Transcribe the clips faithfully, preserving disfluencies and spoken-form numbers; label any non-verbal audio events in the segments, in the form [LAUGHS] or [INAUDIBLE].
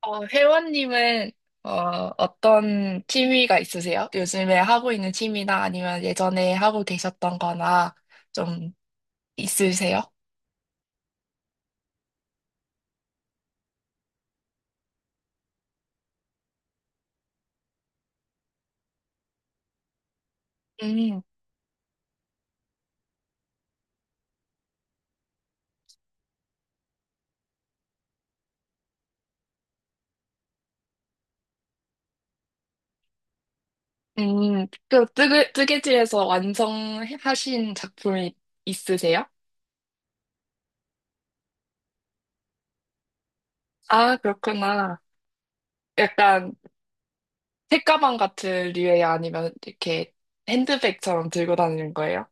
어, 회원님은 어, 어떤 취미가 있으세요? 요즘에 하고 있는 취미나 아니면 예전에 하고 계셨던 거나 좀 있으세요? 음. 음, 그 뜨개, 뜨개질에서 완성하신 작품이 있으세요? 아, 그렇구나. 약간 책가방 같은 류예요? 아니면 이렇게 핸드백처럼 들고 다니는 거예요?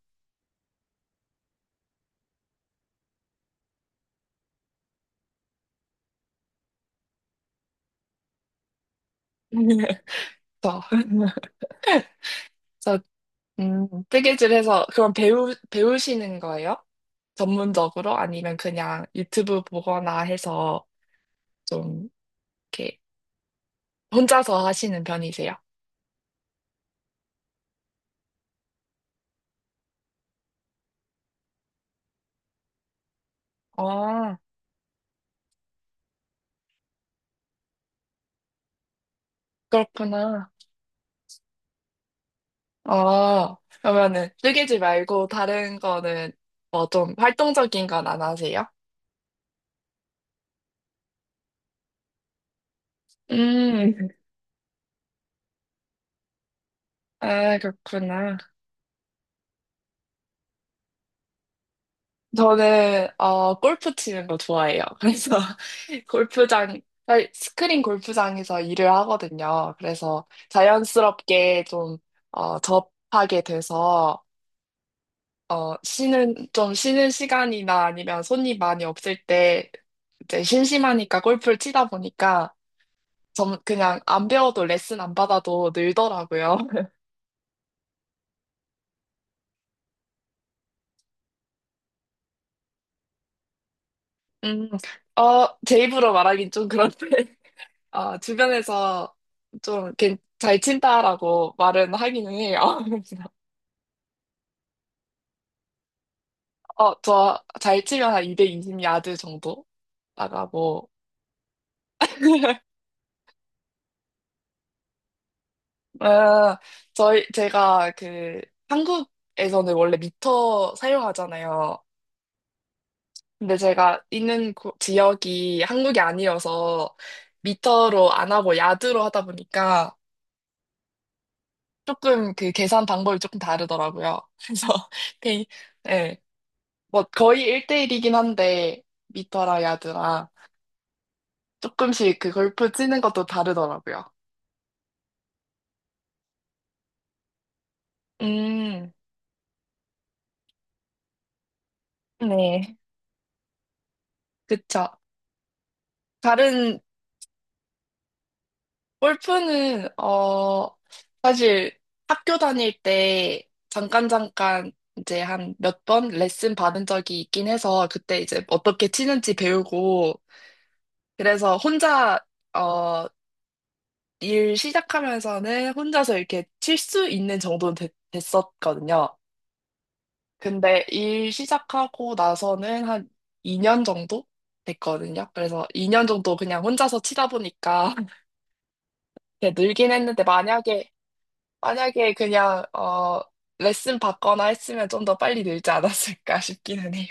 [LAUGHS] 저. [LAUGHS] 저 음, 뜨개질 해서 그럼 배우, 배우시는 거예요? 전문적으로? 아니면 그냥 유튜브 보거나 해서 좀 이렇게 혼자서 하시는 편이세요? 아, 그렇구나. 아, 그러면은 뜨개질 말고 다른 거는 뭐 좀 활동적인 건 안 하세요? 음. 아, 그렇구나. 저는 어 골프 치는 거 좋아해요. 그래서 [LAUGHS] 골프장 사실 스크린 골프장에서 일을 하거든요. 그래서 자연스럽게 좀 어, 접하게 돼서 어 쉬는 좀 쉬는 시간이나 아니면 손님 많이 없을 때 이제 심심하니까 골프를 치다 보니까 좀 그냥 안 배워도 레슨 안 받아도 늘더라고요. [LAUGHS] 음, 어, 제 입으로 말하긴 좀 그런데 어, 주변에서 좀 이렇게 잘 친다라고 말은 하기는 해요. [LAUGHS] 그래서 어, 저 잘 치면 한 이백이십 야드 정도 나가고. [LAUGHS] 어, 저희, 제가 그 한국에서는 원래 미터 사용하잖아요. 근데 제가 있는 고- 지역이 한국이 아니어서 미터로 안 하고 야드로 하다 보니까 조금 그 계산 방법이 조금 다르더라고요. 그래서, [LAUGHS] 네, 뭐 거의 일 대일이긴 한데 미터라 야드라 조금씩 그 골프 치는 것도 다르더라고요. 음, 네. 그쵸. 다른 골프는 어 사실 학교 다닐 때 잠깐 잠깐 이제 한 몇 번 레슨 받은 적이 있긴 해서 그때 이제 어떻게 치는지 배우고 그래서 혼자 어 일 시작하면서는 혼자서 이렇게 칠 수 있는 정도는 됐- 됐었거든요. 근데 일 시작하고 나서는 한 이 년 정도 됐거든요. 그래서 이 년 정도 그냥 혼자서 치다 보니까 [LAUGHS] 이제 늘긴 했는데 만약에 만약에 그냥 어 레슨 받거나 했으면 좀 더 빨리 늘지 않았을까 [LAUGHS] 싶기는 해요.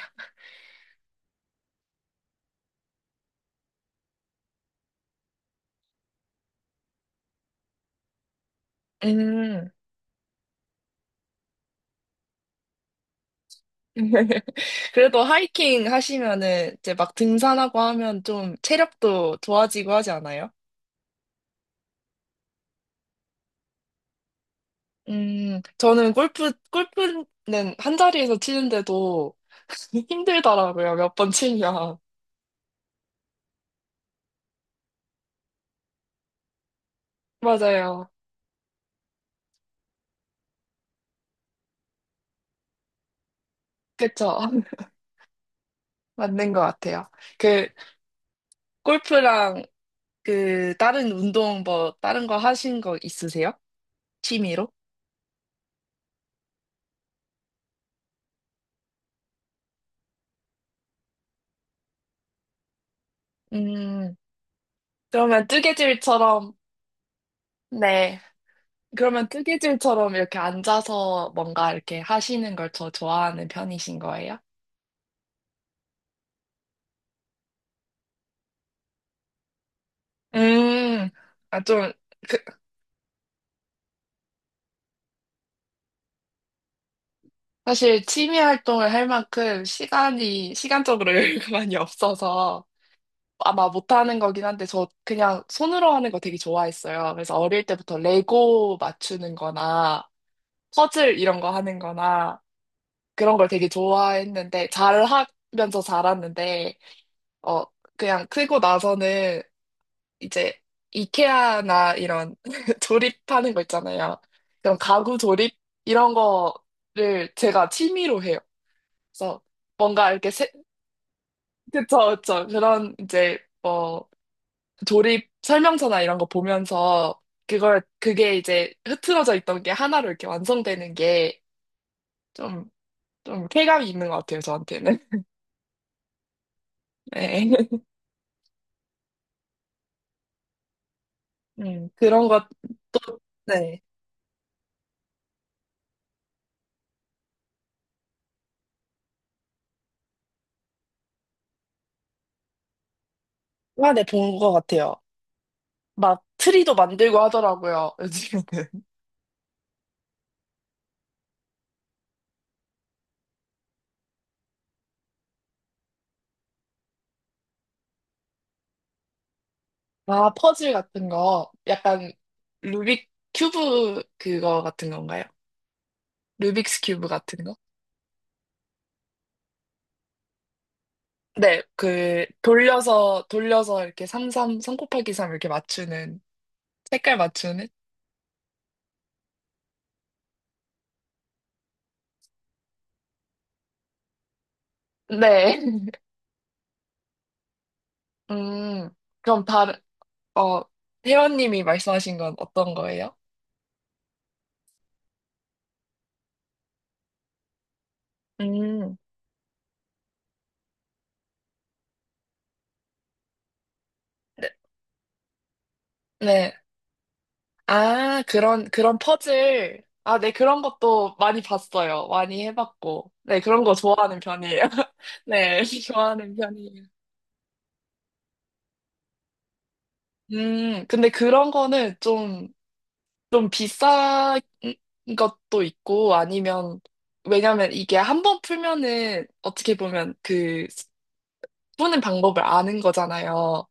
음. [LAUGHS] 그래도 하이킹 하시면은 이제 막 등산하고 하면 좀 체력도 좋아지고 하지 않아요? 음, 저는 골프, 골프는 한 자리에서 치는데도 [LAUGHS] 힘들더라고요, 몇 번 치면. 맞아요. 그쵸. [LAUGHS] 맞는 것 같아요. 그, 골프랑 그, 다른 운동 뭐, 다른 거 하신 거 있으세요? 취미로? 음, 그러면 뜨개질처럼, 네. 그러면 뜨개질처럼 이렇게 앉아서 뭔가 이렇게 하시는 걸 더 좋아하는 편이신 거예요? 음, 아, 좀, 그, 사실 취미 활동을 할 만큼 시간이, 시간적으로 [LAUGHS] 여유가 많이 없어서 아마 못하는 거긴 한데 저 그냥 손으로 하는 거 되게 좋아했어요. 그래서 어릴 때부터 레고 맞추는 거나 퍼즐 이런 거 하는 거나 그런 걸 되게 좋아했는데 잘 하면서 자랐는데 어 그냥 크고 나서는 이제 이케아나 이런 [LAUGHS] 조립하는 거 있잖아요. 그런 가구 조립 이런 거를 제가 취미로 해요. 그래서 뭔가 이렇게 세, 그쵸, 그쵸. 그런 이제 뭐 조립 설명서나 이런 거 보면서 그걸 그게 이제 흐트러져 있던 게 하나로 이렇게 완성되는 게 좀 좀 쾌감이 있는 것 같아요 저한테는. [LAUGHS] 네. 음, 그런 것도. 네. 많이 본것 같아요. 막 트리도 만들고 하더라고요 요즘에는. [LAUGHS] 아 퍼즐 같은 거 약간 루빅 큐브 그거 같은 건가요? 루빅스 큐브 같은 거? 네, 그 돌려서 돌려서 이렇게 삼삼 삼 곱하기 삼 이렇게 맞추는 색깔 맞추는. 네. [LAUGHS] 음, 그럼 다른, 어, 회원님이 말씀하신 건 어떤 거예요? 음, 네, 네. 아, 그런, 그런 퍼즐. 아, 네, 그런 것도 많이 봤어요. 많이 해봤고. 네, 그런 거 좋아하는 편이에요. [LAUGHS] 네, [LAUGHS] 좋아하는 편이에요. 음, 근데 그런 거는 좀, 좀 비싼 것도 있고, 아니면, 왜냐면 이게 한 번 풀면은 어떻게 보면 그, 푸는 방법을 아는 거잖아요.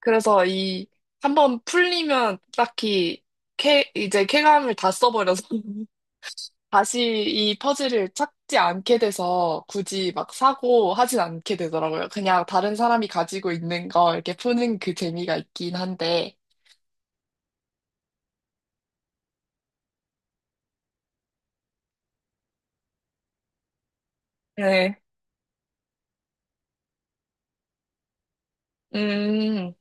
그래서 이, 한번 풀리면 딱히 쾌, 이제 쾌감을 다 써버려서 [LAUGHS] 다시 이 퍼즐을 찾지 않게 돼서 굳이 막 사고 하진 않게 되더라고요. 그냥 다른 사람이 가지고 있는 거 이렇게 푸는 그 재미가 있긴 한데. 네. 음.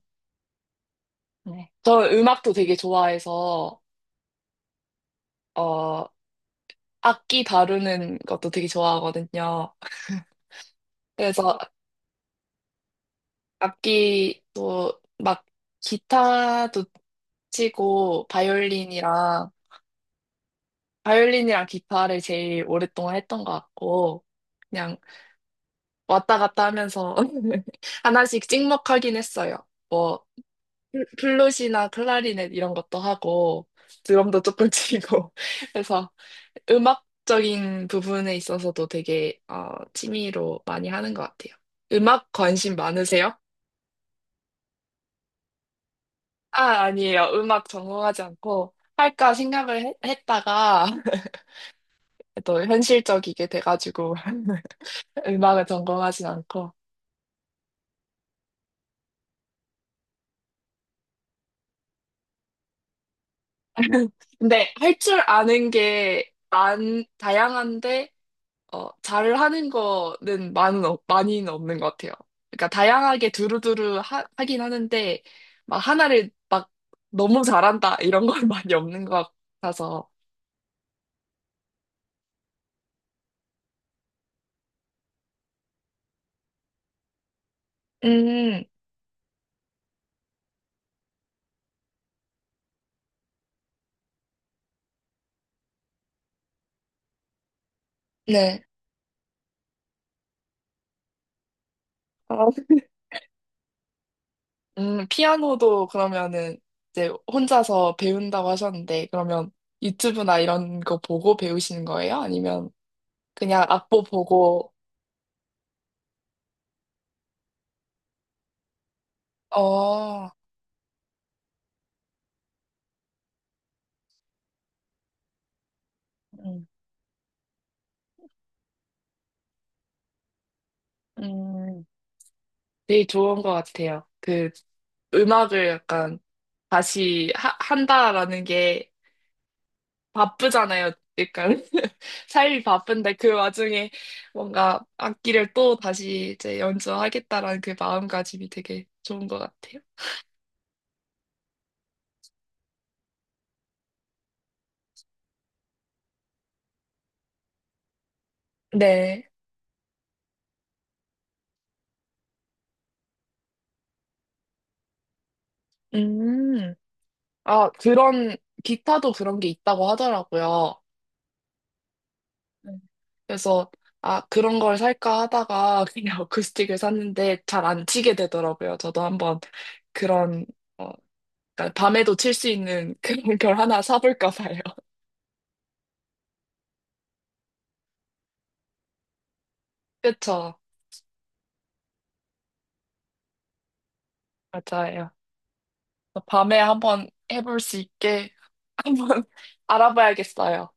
네. 저 음악도 되게 좋아해서, 어, 악기 다루는 것도 되게 좋아하거든요. 그래서 악기도 막 기타도 치고 바이올린이랑 바이올린이랑 기타를 제일 오랫동안 했던 것 같고 그냥 왔다 갔다 하면서 [LAUGHS] 하나씩 찍먹하긴 했어요. 뭐 플- 플룻이나 클라리넷 이런 것도 하고 드럼도 조금 [LAUGHS] 치고 그래서 음악적인 부분에 있어서도 되게 어, 취미로 많이 하는 것 같아요. 음악 관심 많으세요? 아, 아니에요. 음악 전공하지 않고 할까 생각을 해- 했다가 [LAUGHS] 또 현실적이게 돼가지고 [LAUGHS] 음악을 전공하진 않고. 근데 할 줄 아는 게 많, 다양한데 어, 잘 하는 거는 많은, 없- 많이는 없는 것 같아요. 그러니까 다양하게 두루두루 하, 하긴 하는데 막 하나를 막 너무 잘한다 이런 건 [LAUGHS] 많이 없는 것 같아서. 음, 네. 아, 음, 피아노도 그러면은 이제 혼자서 배운다고 하셨는데, 그러면 유튜브나 이런 거 보고 배우시는 거예요? 아니면 그냥 악보 보고, 어, 음, 음, 되게 좋은 것 같아요. 그 음악을 약간 다시 하, 한다라는 게 바쁘잖아요. 약간 [LAUGHS] 삶이 바쁜데 그 와중에 뭔가 악기를 또 다시 이제 연주하겠다라는 그 마음가짐이 되게 좋은 것 같아요. 네. 음. 아, 그런, 기타도 그런 게 있다고 하더라고요. 네. 그래서, 아, 그런 걸 살까 하다가 그냥 [LAUGHS] 어쿠스틱을 샀는데 잘 안 치게 되더라고요. 저도 한번 그런, 어, 그러니까 밤에도 칠 수 있는 [LAUGHS] 그런 걸 하나 사볼까 봐요. [LAUGHS] 그쵸. 맞아요. 밤에 한번 해볼 수 있게 [LAUGHS] 한번 알아봐야겠어요.